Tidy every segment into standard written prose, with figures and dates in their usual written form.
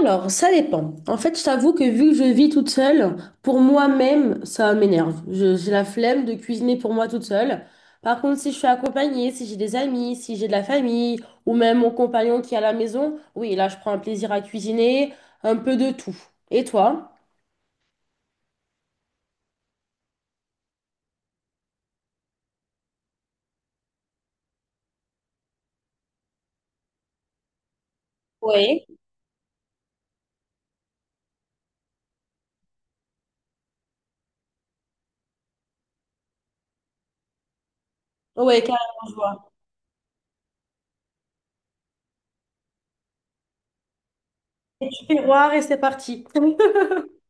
Alors, ça dépend. En fait, je t'avoue que vu que je vis toute seule, pour moi-même, ça m'énerve. J'ai la flemme de cuisiner pour moi toute seule. Par contre, si je suis accompagnée, si j'ai des amis, si j'ai de la famille, ou même mon compagnon qui est à la maison, oui, là, je prends un plaisir à cuisiner, un peu de tout. Et toi? Oui. Oui, carrément, je vois. Je fais roi et c'est parti.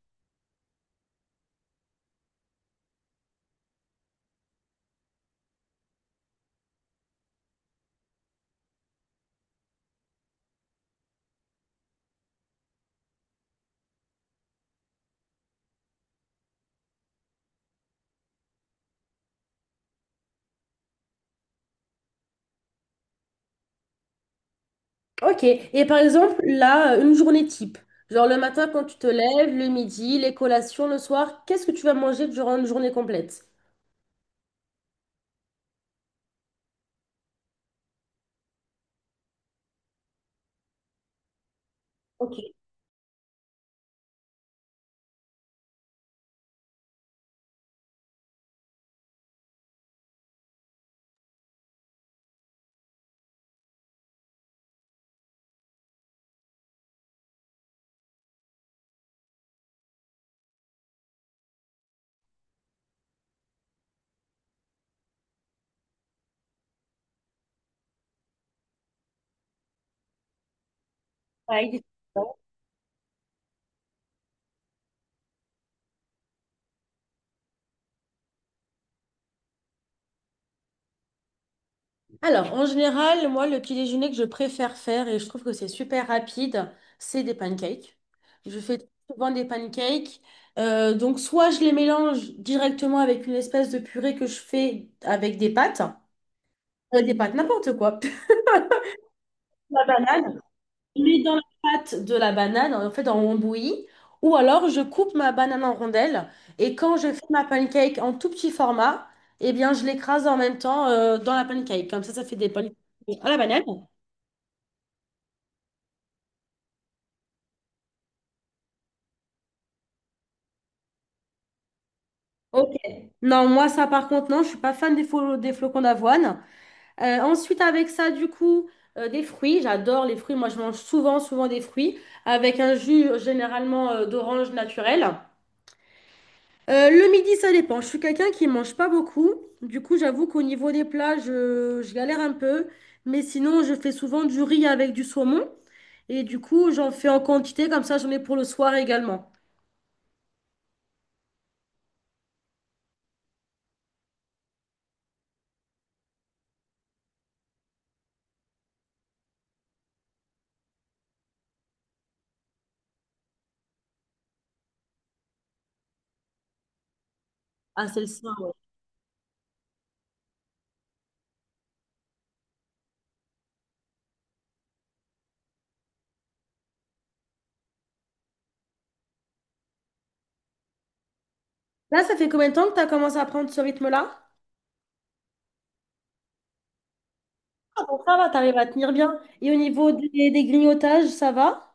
Ok. Et par exemple, là, une journée type. Genre le matin quand tu te lèves, le midi, les collations, le soir, qu'est-ce que tu vas manger durant une journée complète? Ok, ouais, il est bon. Alors, en général, moi, le petit déjeuner que je préfère faire, et je trouve que c'est super rapide, c'est des pancakes. Je fais souvent des pancakes. Donc, soit je les mélange directement avec une espèce de purée que je fais avec des pâtes, Des pâtes, n'importe quoi. La banane. Je mets dans la pâte de la banane, en fait, on bouillie. Ou alors, je coupe ma banane en rondelles. Et quand je fais ma pancake en tout petit format, eh bien, je l'écrase en même temps dans la pancake. Comme ça fait des pancakes à la banane. Ok. Non, moi, ça, par contre, non, je suis pas fan des flocons d'avoine. Ensuite, avec ça, du coup, des fruits. J'adore les fruits. Moi, je mange souvent des fruits. Avec un jus, généralement, d'orange naturel. Le midi, ça dépend. Je suis quelqu'un qui mange pas beaucoup. Du coup, j'avoue qu'au niveau des plats, je galère un peu. Mais sinon, je fais souvent du riz avec du saumon. Et du coup, j'en fais en quantité. Comme ça, j'en ai pour le soir également. Ah, c'est le soir, ouais. Là, ça fait combien de temps que tu as commencé à prendre ce rythme-là? Ah, bon, ça va, t'arrives à tenir bien. Et au niveau des grignotages, ça va?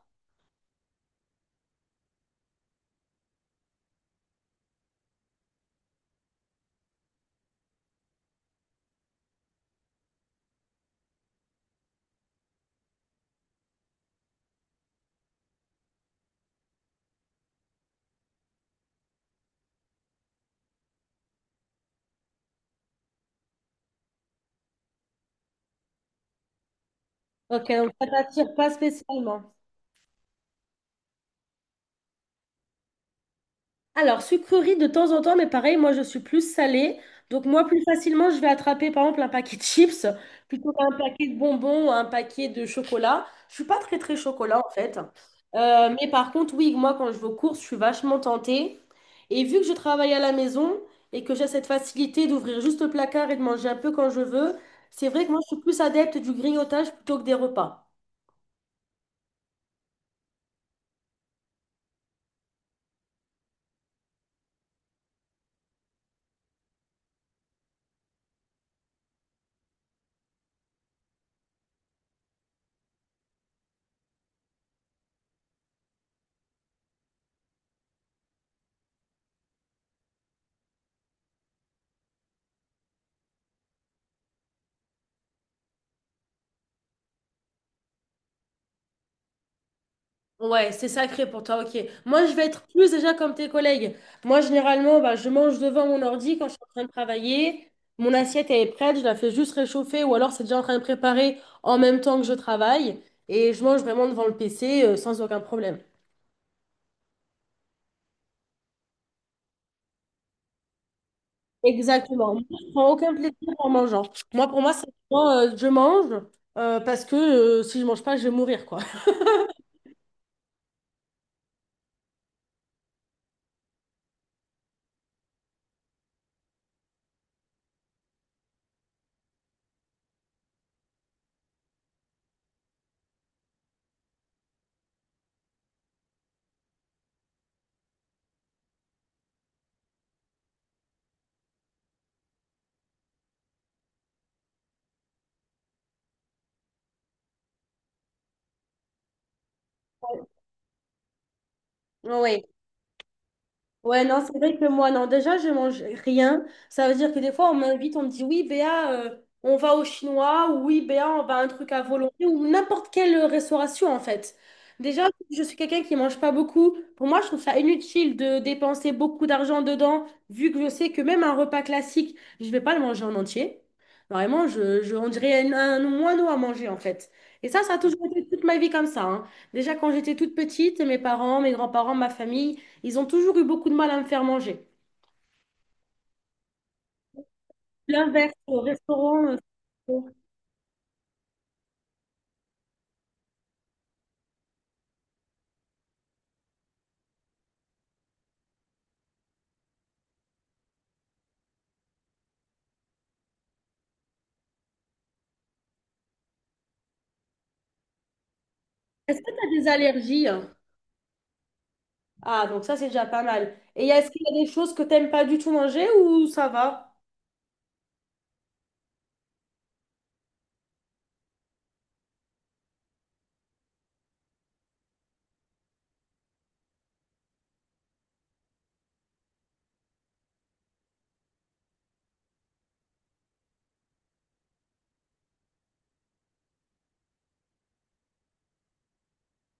Ok, donc ça t'attire pas spécialement. Alors, sucrerie de temps en temps, mais pareil, moi je suis plus salée. Donc, moi, plus facilement, je vais attraper par exemple un paquet de chips plutôt qu'un paquet de bonbons ou un paquet de chocolat. Je suis pas très très chocolat en fait. Mais par contre, oui, moi quand je vais aux courses, je suis vachement tentée. Et vu que je travaille à la maison et que j'ai cette facilité d'ouvrir juste le placard et de manger un peu quand je veux, c'est vrai que moi je suis plus adepte du grignotage plutôt que des repas. Ouais, c'est sacré pour toi, ok. Moi, je vais être plus déjà comme tes collègues. Moi, généralement, bah, je mange devant mon ordi quand je suis en train de travailler. Mon assiette, elle est prête, je la fais juste réchauffer ou alors c'est déjà en train de préparer en même temps que je travaille. Et je mange vraiment devant le PC, sans aucun problème. Exactement. Moi, je prends aucun plaisir en mangeant. Moi, pour moi, c'est vraiment, je mange parce que si je mange pas, je vais mourir, quoi. Oui. Ouais, non, c'est vrai que moi, non, déjà, je mange rien. Ça veut dire que des fois, on m'invite, on me dit, oui, Béa, on va au chinois, ou oui, Béa, on va à un truc à volonté, ou n'importe quelle restauration, en fait. Déjà, je suis quelqu'un qui mange pas beaucoup. Pour moi, je trouve ça inutile de dépenser beaucoup d'argent dedans, vu que je sais que même un repas classique, je vais pas le manger en entier. Vraiment, on dirait un moineau à manger, en fait. Et ça a toujours été toute ma vie comme ça, hein. Déjà, quand j'étais toute petite, mes parents, mes grands-parents, ma famille, ils ont toujours eu beaucoup de mal à me faire manger. L'inverse, au restaurant. Bon. Est-ce que tu as des allergies? Hein. Ah, donc ça, c'est déjà pas mal. Est-ce qu'il y a des choses que t'aimes pas du tout manger ou ça va?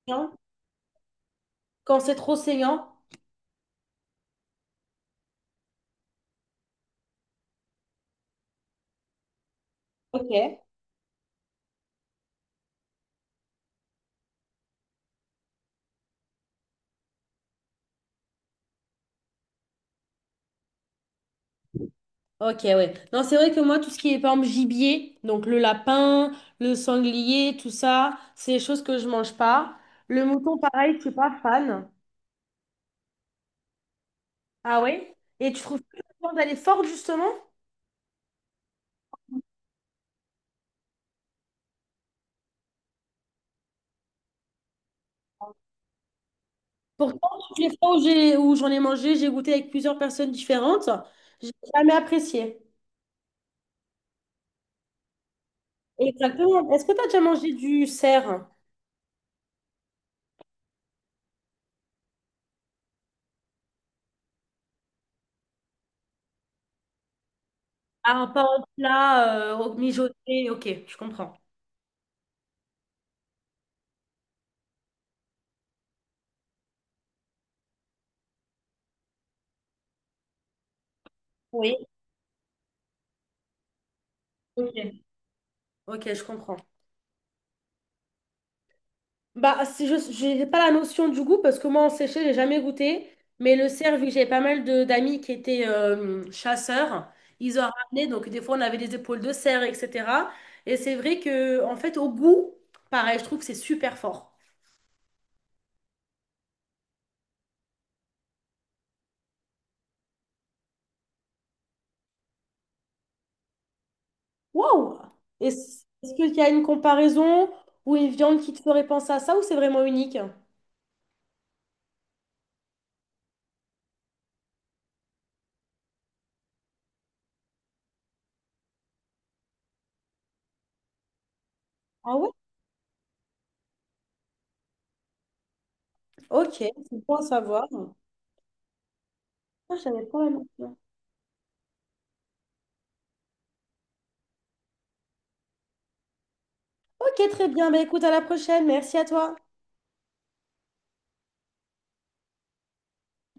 Non. Quand c'est trop saignant? Ok. Ok, ouais. Non, c'est vrai que moi, tout ce qui est, par exemple, gibier, donc le lapin, le sanglier, tout ça, c'est des choses que je mange pas. Le mouton, pareil, je suis pas fan. Ah ouais? Et tu trouves que la viande, elle est forte, justement? Pourtant, toutes les fois où j'en ai mangé, j'ai goûté avec plusieurs personnes différentes. J'ai jamais apprécié. Exactement. Est-ce que tu as déjà mangé du cerf? Ah, pas en plat, mijoté. Ok, je comprends. Oui. Ok, ok, je comprends. Bah, c'est juste, j'ai pas la notion du goût parce que moi, en séché, j'ai jamais goûté. Mais le cerf, vu que j'avais pas mal de d'amis qui étaient chasseurs, ils ont ramené. Donc, des fois, on avait des épaules de cerf, etc. Et c'est vrai que, en fait, au goût, pareil, je trouve que c'est super fort. Waouh! Est-ce qu'il y a une comparaison ou une viande qui te ferait penser à ça ou c'est vraiment unique? Ah ouais? Ok, c'est bon à savoir. Ah, je savais pas la mention. Ok, très bien. Bah, écoute, à la prochaine. Merci à toi.